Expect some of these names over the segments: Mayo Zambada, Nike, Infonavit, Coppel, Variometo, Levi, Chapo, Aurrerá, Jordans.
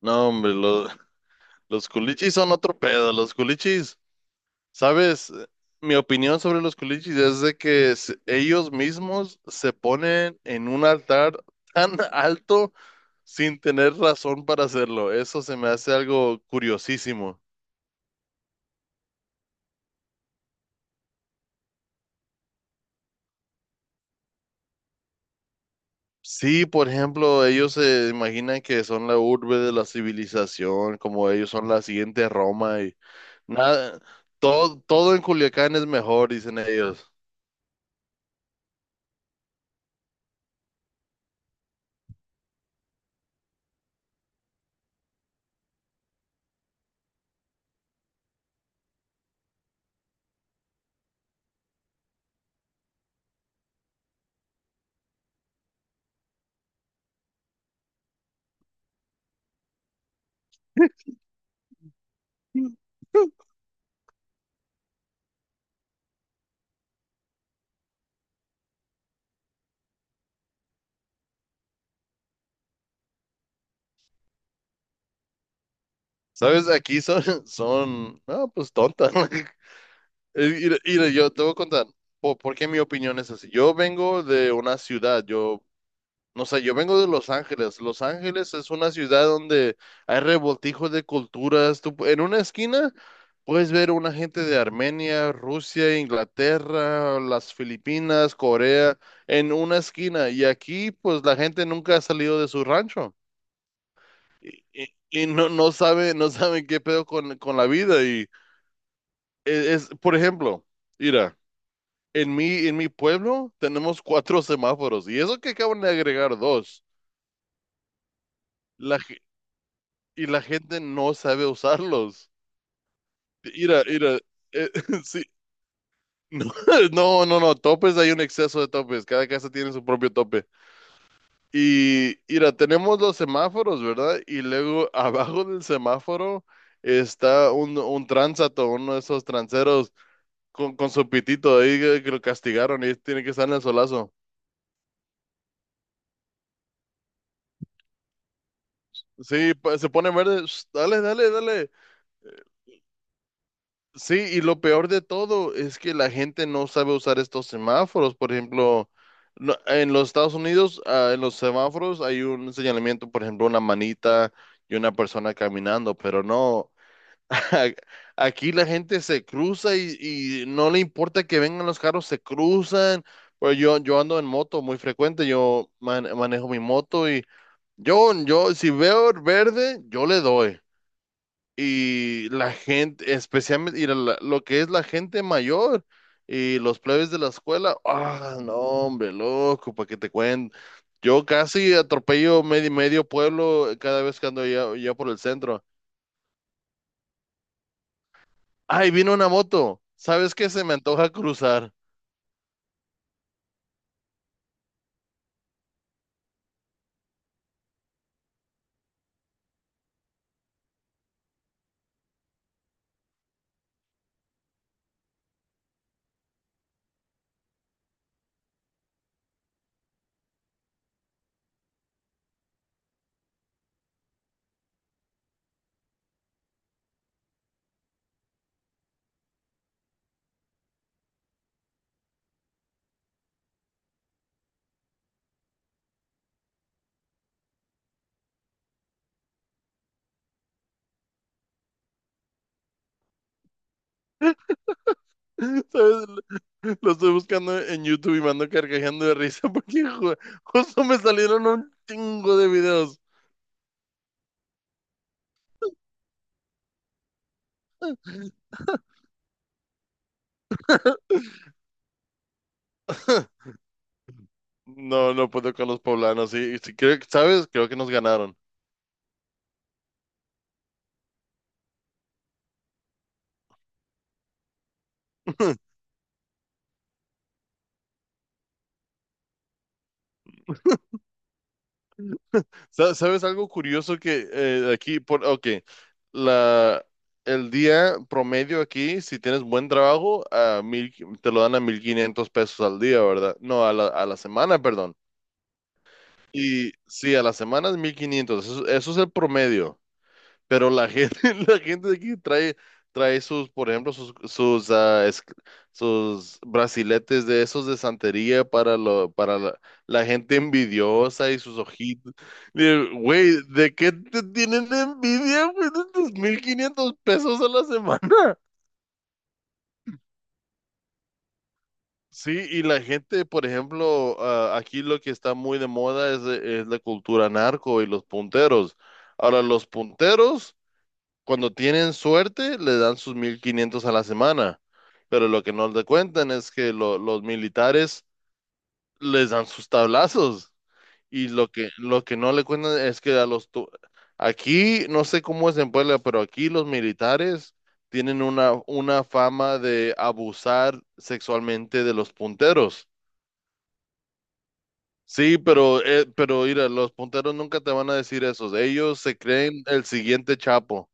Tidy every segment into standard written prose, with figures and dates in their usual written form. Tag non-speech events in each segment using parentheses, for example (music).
No, hombre, los culichis son otro pedo. Los culichis, ¿sabes? Mi opinión sobre los culichis es de que ellos mismos se ponen en un altar tan alto sin tener razón para hacerlo. Eso se me hace algo curiosísimo. Sí, por ejemplo, ellos se imaginan que son la urbe de la civilización, como ellos son la siguiente Roma y nada, todo en Culiacán es mejor, dicen ellos. ¿Sabes? Aquí son, (laughs) son, no, pues tontas. (laughs) Y yo te voy a contar por qué mi opinión es así. Yo vengo de una ciudad, no sé, yo vengo de Los Ángeles. Los Ángeles es una ciudad donde hay revoltijos de culturas. En una esquina puedes ver una gente de Armenia, Rusia, Inglaterra, las Filipinas, Corea, en una esquina. Y aquí, pues la gente nunca ha salido de su rancho. Y no saben qué pedo con la vida. Por ejemplo, mira, en mi pueblo tenemos cuatro semáforos y eso que acaban de agregar dos. La, ge- y la gente no sabe usarlos. Mira, mira, eh, (laughs) sí. No, (laughs) no, no, no, topes, hay un exceso de topes, cada casa tiene su propio tope. Y mira, tenemos los semáforos, ¿verdad? Y luego (laughs) abajo del semáforo está uno de esos transeros con su pitito ahí que lo castigaron y tiene que estar en el solazo. Sí, se pone verde, sh, dale, dale, dale. Sí, y lo peor de todo es que la gente no sabe usar estos semáforos. Por ejemplo, en los Estados Unidos, en los semáforos hay un señalamiento, por ejemplo, una manita y una persona caminando, pero no. (laughs) Aquí la gente se cruza y no le importa que vengan los carros, se cruzan. Pues yo ando en moto muy frecuente, yo manejo mi moto y yo, si veo verde, yo le doy. Y la gente, especialmente, lo que es la gente mayor y los plebes de la escuela, no, hombre, loco, para que te cuento. Yo casi atropello medio pueblo cada vez que ando allá, allá por el centro. Ay, vino una moto. ¿Sabes qué? Se me antoja cruzar. (laughs) ¿Sabes? Lo estoy buscando en YouTube y me ando carcajando de risa (laughs) porque justo me salieron un chingo de videos. (laughs) No, no puedo con los poblanos. Y si creo, ¿sabes? Creo que nos ganaron. (laughs) ¿Sabes algo curioso que aquí, por, ok, la, el día promedio aquí, si tienes buen trabajo, te lo dan a 1,500 pesos al día, ¿verdad? No, a la semana, perdón. Y sí, a la semana es 1,500. Eso es el promedio. Pero la gente, (laughs) la gente de aquí trae por ejemplo, sus brasiletes de esos de santería para, para la gente envidiosa y sus ojitos. Digo, güey, ¿de qué te tienen envidia, güey? De tus 1,500 pesos a la semana. (laughs) Sí, y la gente, por ejemplo, aquí lo que está muy de moda es la cultura narco y los punteros. Ahora, los punteros, cuando tienen suerte, le dan sus 1,500 a la semana. Pero lo que no le cuentan es que los militares les dan sus tablazos. Y lo que no le cuentan es que aquí, no sé cómo es en Puebla, pero aquí los militares tienen una fama de abusar sexualmente de los punteros. Sí, pero mira, los punteros nunca te van a decir eso. Ellos se creen el siguiente Chapo.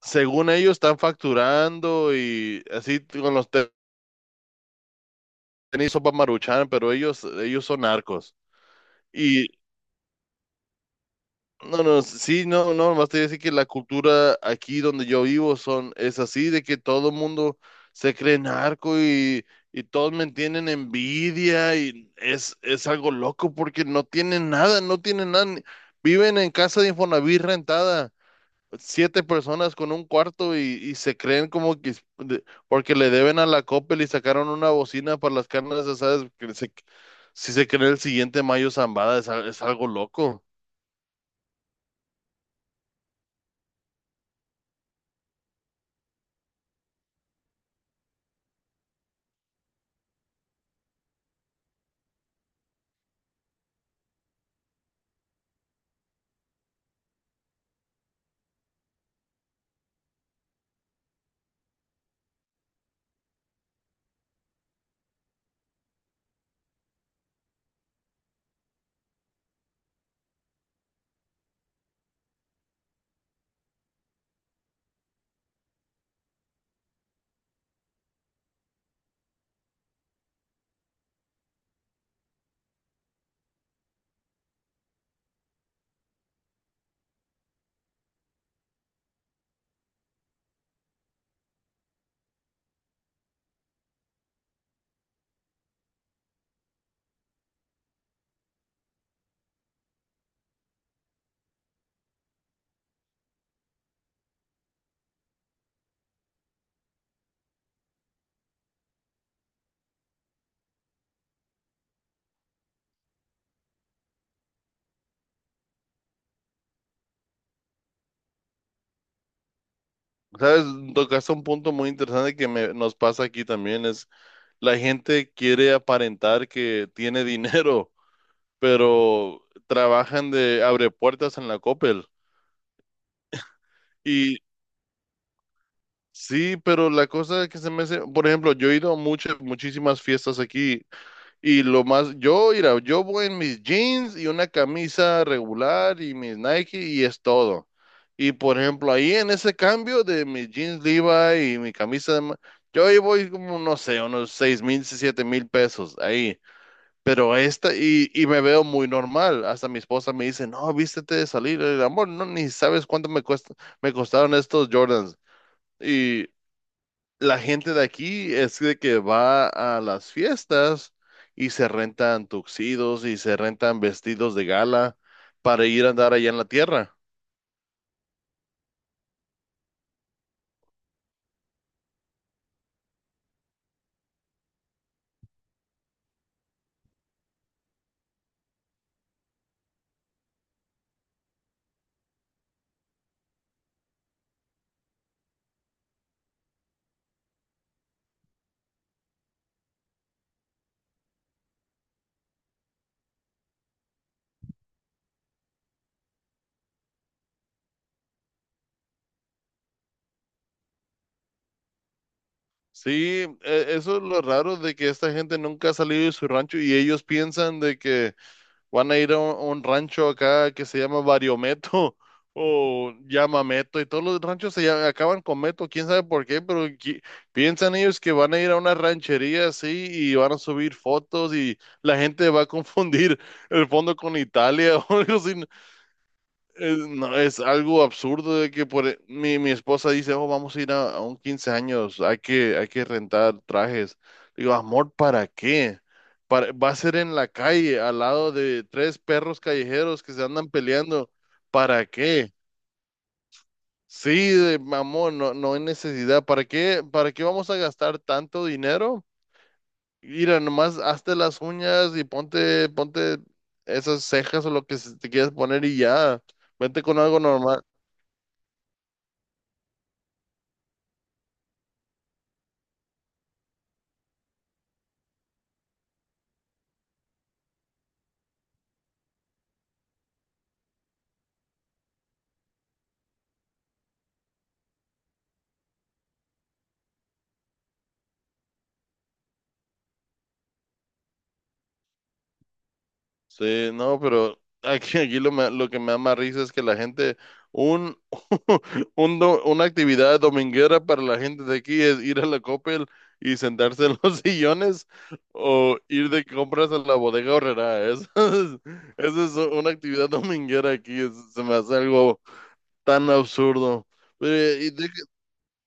Según ellos están facturando y así con los tenis sopa maruchan, pero ellos son narcos. Y no, no, sí, no, no, más te voy decir que la cultura aquí donde yo vivo son, es así, de que todo el mundo se cree narco y todos me tienen envidia y es algo loco porque no tienen nada, no tienen nada, viven en casa de Infonavit rentada siete personas con un cuarto y se creen como que porque le deben a la Coppel y sacaron una bocina para las carnes asadas, que si se cree el siguiente Mayo Zambada es algo loco. ¿Sabes? Tocaste un punto muy interesante que nos pasa aquí también, es la gente quiere aparentar que tiene (laughs) dinero, pero trabajan de abre puertas en la Coppel. Y sí, pero la cosa que se me hace, por ejemplo, yo he ido a muchas, muchísimas fiestas aquí. Y lo más, mira, yo voy en mis jeans y una camisa regular y mis Nike y es todo. Y por ejemplo, ahí en ese cambio de mis jeans Levi y mi camisa, yo ahí voy como, no sé, unos 6,000, 7,000 pesos ahí. Pero esta, y me veo muy normal. Hasta mi esposa me dice, no, vístete de salir. El amor, no, ni sabes cuánto me cuesta, me costaron estos Jordans. La gente de aquí es de que va a las fiestas y se rentan tuxidos y se rentan vestidos de gala para ir a andar allá en la tierra. Sí, eso es lo raro de que esta gente nunca ha salido de su rancho y ellos piensan de que van a ir a a un rancho acá que se llama Variometo (laughs) o llamameto y todos los ranchos acaban con Meto, quién sabe por qué, pero piensan ellos que van a ir a una ranchería así y van a subir fotos y la gente va a (laughs) confundir el fondo con Italia (laughs) o algo así. No, es algo absurdo de que mi esposa dice, oh, vamos a ir a un 15 años, hay que rentar trajes. Digo, amor, ¿para qué? Va a ser en la calle, al lado de tres perros callejeros que se andan peleando. ¿Para qué? Sí, amor, no, no hay necesidad. ¿Para qué vamos a gastar tanto dinero? Mira, nomás hazte las uñas y ponte esas cejas o lo que se te quieras poner y ya. Vente con algo. Sí, no, pero (laughs) aquí, lo que me da más risa es que la gente, un, (laughs) una actividad dominguera para la gente de aquí es ir a la Coppel y sentarse en los (laughs) sillones o ir de compras a la bodega Aurrerá. Eso (laughs) es, es una actividad dominguera aquí, se me hace algo tan absurdo. Pero,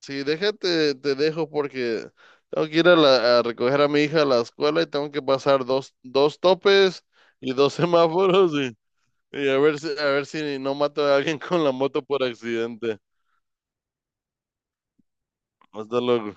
sí, déjate, te dejo porque tengo que ir a recoger a mi hija a la escuela y tengo que pasar dos topes y dos (laughs) semáforos y a ver si no mato a alguien con la moto por accidente. Hasta luego.